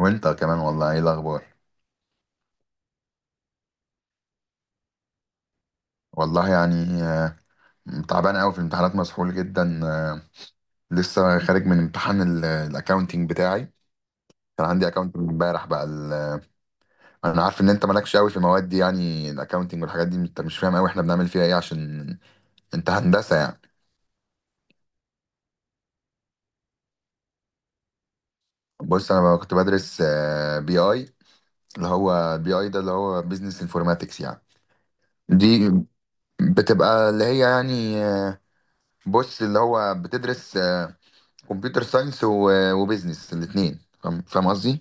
وانت كمان، والله ايه الاخبار؟ والله يعني تعبان قوي في الامتحانات، مسحول جدا، لسه خارج من امتحان الاكاونتنج بتاعي. كان عندي اكاونتنج امبارح بقى انا عارف ان انت مالكش قوي في المواد دي، يعني الاكاونتنج والحاجات دي انت مش فاهم قوي احنا بنعمل فيها ايه، عشان انت هندسة يعني. بص انا بقى كنت بدرس بي اي، اللي هو بي اي ده اللي هو بيزنس انفورماتكس يعني. دي بتبقى اللي هي يعني، بص اللي هو بتدرس، كمبيوتر ساينس و- وبيزنس الاثنين، فاهم قصدي.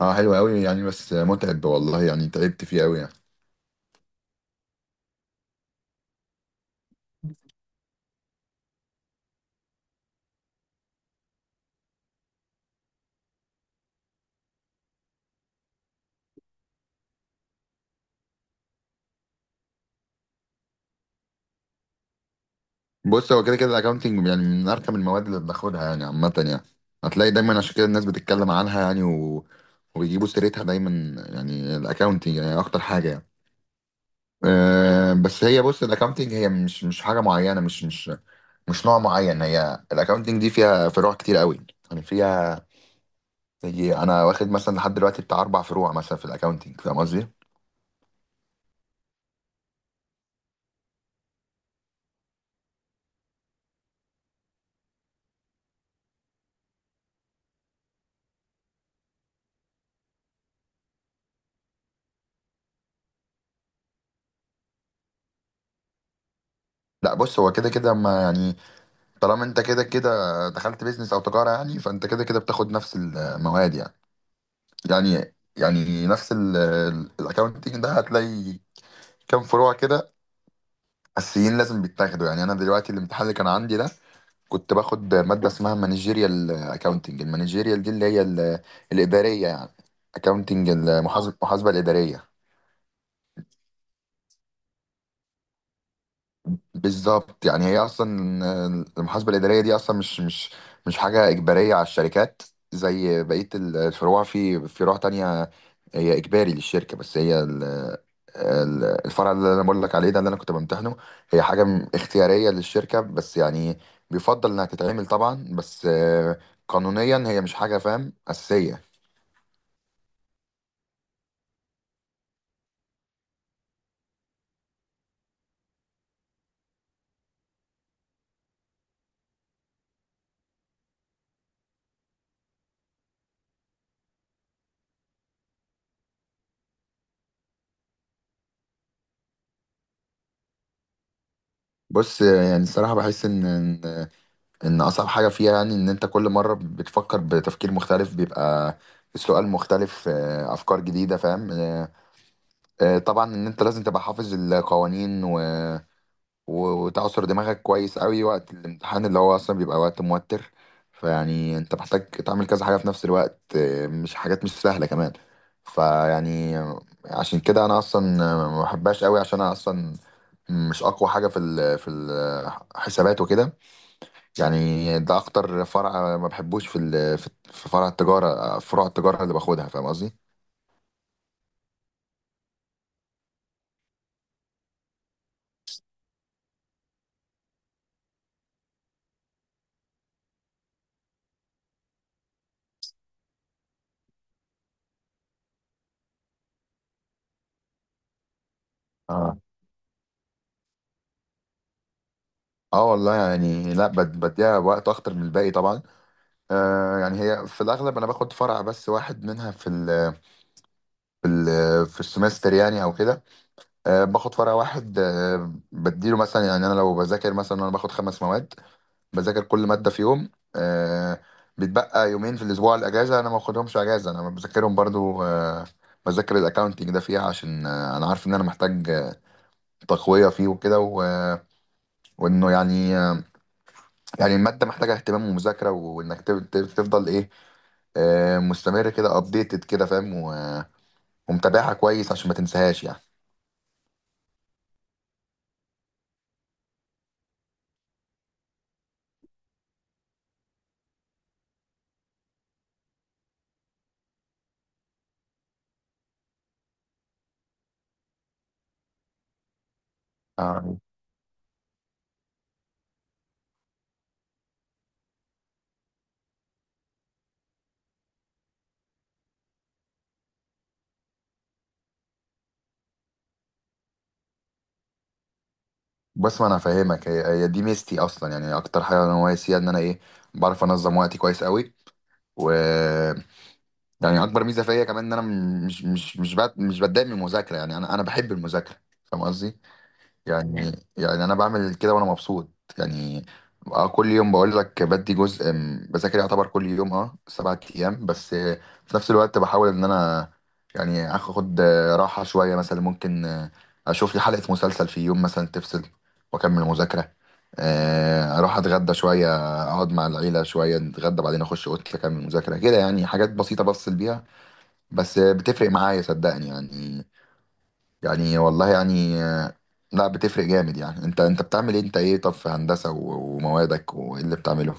اه، حلو قوي يعني بس متعب، والله يعني تعبت فيه قوي يعني. بص هو كده كده الاكونتنج يعني من ارخم المواد اللي بناخدها يعني عامه يعني. هتلاقي دايما عشان كده الناس بتتكلم عنها يعني وبيجيبوا سيرتها دايما، يعني الاكونتنج يعني اكتر حاجه يعني. أه بس هي، بص الاكونتنج هي مش حاجه معينه، مش نوع معين. هي الاكونتنج دي فيها فروع كتير قوي. يعني فيها، يجي انا واخد مثلا لحد دلوقتي بتاع اربع فروع مثلا في الاكونتنج، فاهم قصدي. لا بص هو كده كده ما يعني، طالما انت كده كده دخلت بيزنس او تجاره، يعني فانت كده كده بتاخد نفس المواد يعني. يعني نفس الاكونتنج ده، هتلاقي كام فروع كده اساسيين لازم بيتاخدوا. يعني انا دلوقتي الامتحان اللي كان عندي ده كنت باخد ماده اسمها مانجيريال اكاونتنج، المانجيريال دي اللي هي الاداريه يعني، اكاونتنج المحاسبه، المحاسبه الاداريه. بالظبط، يعني هي اصلا، المحاسبه الاداريه دي اصلا مش حاجه اجباريه على الشركات زي بقيه الفروع. في فروع تانية هي اجباري للشركه، بس هي الفرع اللي انا بقول لك عليه ده اللي انا كنت بمتحنه، هي حاجه اختياريه للشركه بس، يعني بيفضل انها تتعمل طبعا، بس، قانونيا هي مش حاجه فاهم اساسيه. بص، يعني الصراحه بحس ان إن اصعب حاجه فيها يعني ان انت كل مره بتفكر بتفكير مختلف، بيبقى السؤال مختلف، افكار جديده، فاهم. طبعا ان انت لازم تبقى حافظ القوانين وتعصر دماغك كويس قوي وقت الامتحان اللي هو اصلا بيبقى وقت موتر. فيعني انت محتاج تعمل كذا حاجه في نفس الوقت، مش حاجات مش سهله كمان. فيعني عشان كده انا اصلا، ما بحبهاش قوي، عشان انا اصلا مش اقوى حاجه في في الحسابات وكده. يعني ده اكتر فرع ما بحبوش في في فرع التجاره، فروع التجاره اللي باخدها، فاهم قصدي. اه، اه والله يعني، لا بديها وقت اكتر من الباقي طبعا. آه يعني هي في الاغلب انا باخد فرع بس واحد منها في ال في السمستر يعني او كده. آه، باخد فرع واحد، آه بديله مثلا، يعني انا لو بذاكر مثلا، انا باخد خمس مواد، بذاكر كل مادة في يوم. آه، بيتبقى يومين في الأسبوع الأجازة، أنا ما باخدهمش أجازة أنا بذاكرهم برضو. آه، بذاكر الأكاونتينج ده فيها، عشان آه أنا عارف إن أنا محتاج، تقوية فيه وكده وإنه يعني آه، يعني المادة محتاجة اهتمام ومذاكرة، وإنك تفضل إيه، آه مستمر كده، أبديتد كده فاهم، ومتابعها كويس عشان ما تنساهاش يعني. آه بس ما أنا فاهمك، هي دي ميزتي أصلا يعني، أكتر حاجة أنا ناقص فيها إن أنا إيه، بعرف أنظم وقتي كويس قوي. و يعني اكبر ميزه فيا كمان ان انا مش بتضايق من المذاكره، يعني انا بحب المذاكره، فاهم قصدي. يعني انا بعمل كده وانا مبسوط يعني. كل يوم بقول لك بدي جزء، بذاكر يعتبر كل يوم، اه 7 ايام بس، في نفس الوقت بحاول ان انا يعني اخد، راحه شويه، مثلا ممكن، اشوف لي حلقه مسلسل في يوم مثلا تفصل واكمل مذاكره، اروح اتغدى شويه، اقعد مع العيله شويه نتغدى، بعدين اخش اوضتي اكمل مذاكره كده. يعني حاجات بسيطه بفصل بيها، بس بتفرق معايا صدقني يعني. يعني والله يعني، لا بتفرق جامد يعني. انت بتعمل ايه؟ انت ايه، طب في هندسة وموادك وايه اللي بتعمله؟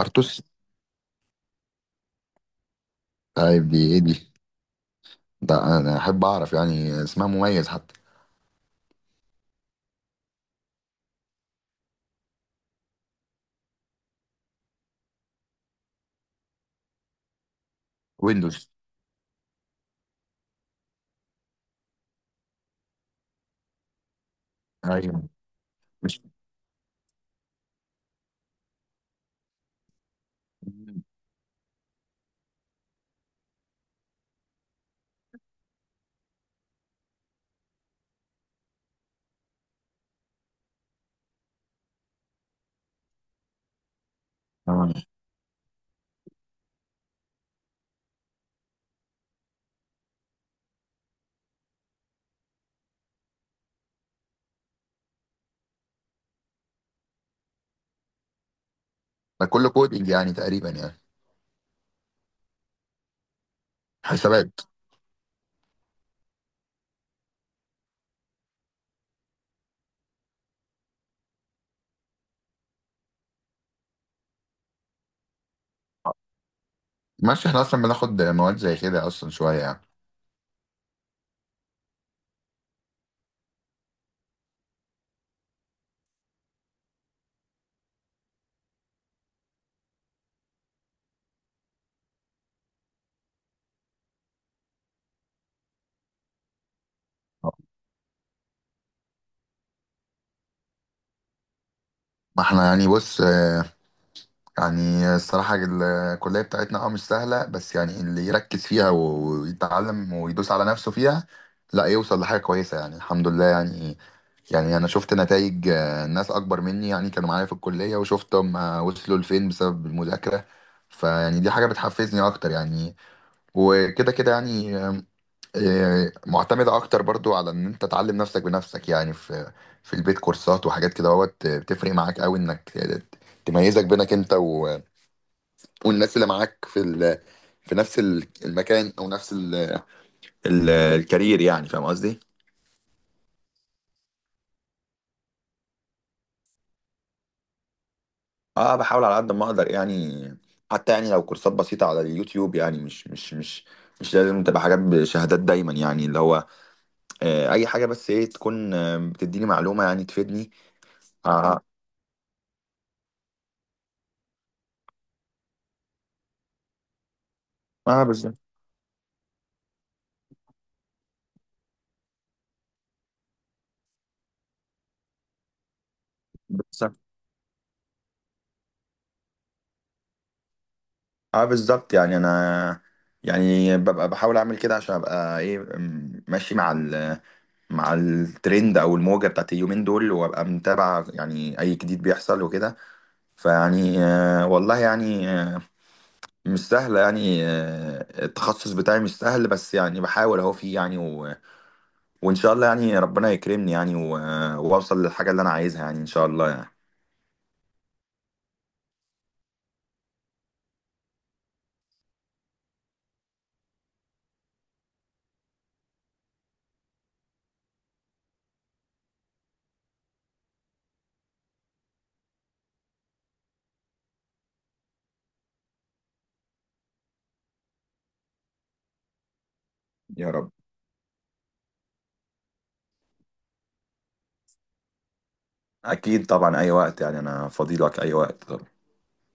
ارتوس، طيب دي ايه دي؟ ده انا احب اعرف يعني، اسمها مميز حتى. ويندوز، ايوه. مش آه. ده كله كودينج يعني تقريبا يعني، حسابات. ماشي، احنا اصلا بناخد مواد زي كده اصلا شوية يعني. ما احنا يعني، بص يعني الصراحة الكلية بتاعتنا اه مش سهلة، بس يعني اللي يركز فيها ويتعلم ويدوس على نفسه فيها لا يوصل لحاجة كويسة يعني، الحمد لله يعني. يعني أنا شفت نتائج، ناس أكبر مني يعني كانوا معايا في الكلية وشفتهم، وصلوا لفين بسبب المذاكرة. فيعني دي حاجة بتحفزني أكتر يعني. وكده كده يعني، معتمدة أكتر برضو على إن أنت تعلم نفسك بنفسك يعني، في في البيت كورسات وحاجات كده اهوت، بتفرق معاك أوي إنك، تميزك بينك أنت والناس اللي معاك في في نفس المكان او نفس الكارير، يعني فاهم قصدي. اه، بحاول على قد ما اقدر يعني. حتى يعني لو كورسات بسيطة على اليوتيوب يعني، مش لازم تبقى حاجات بشهادات دايما يعني، اللي هو آه اي حاجة، بس ايه تكون آه بتديني معلومة يعني تفيدني. اه. اه بالظبط. بالظبط اه بالظبط، يعني انا يعني ببقى بحاول اعمل كده عشان ابقى ايه ماشي مع ال مع الترند او الموجه بتاعت اليومين دول، وابقى متابع يعني اي جديد بيحصل وكده. فيعني، والله يعني، مش سهل يعني، التخصص بتاعي مش سهل، بس يعني بحاول اهو فيه يعني وان شاء الله يعني ربنا يكرمني يعني واوصل للحاجه اللي انا عايزها يعني، ان شاء الله يعني. يا رب، اكيد طبعا اي وقت، يعني انا فاضي لك اي وقت.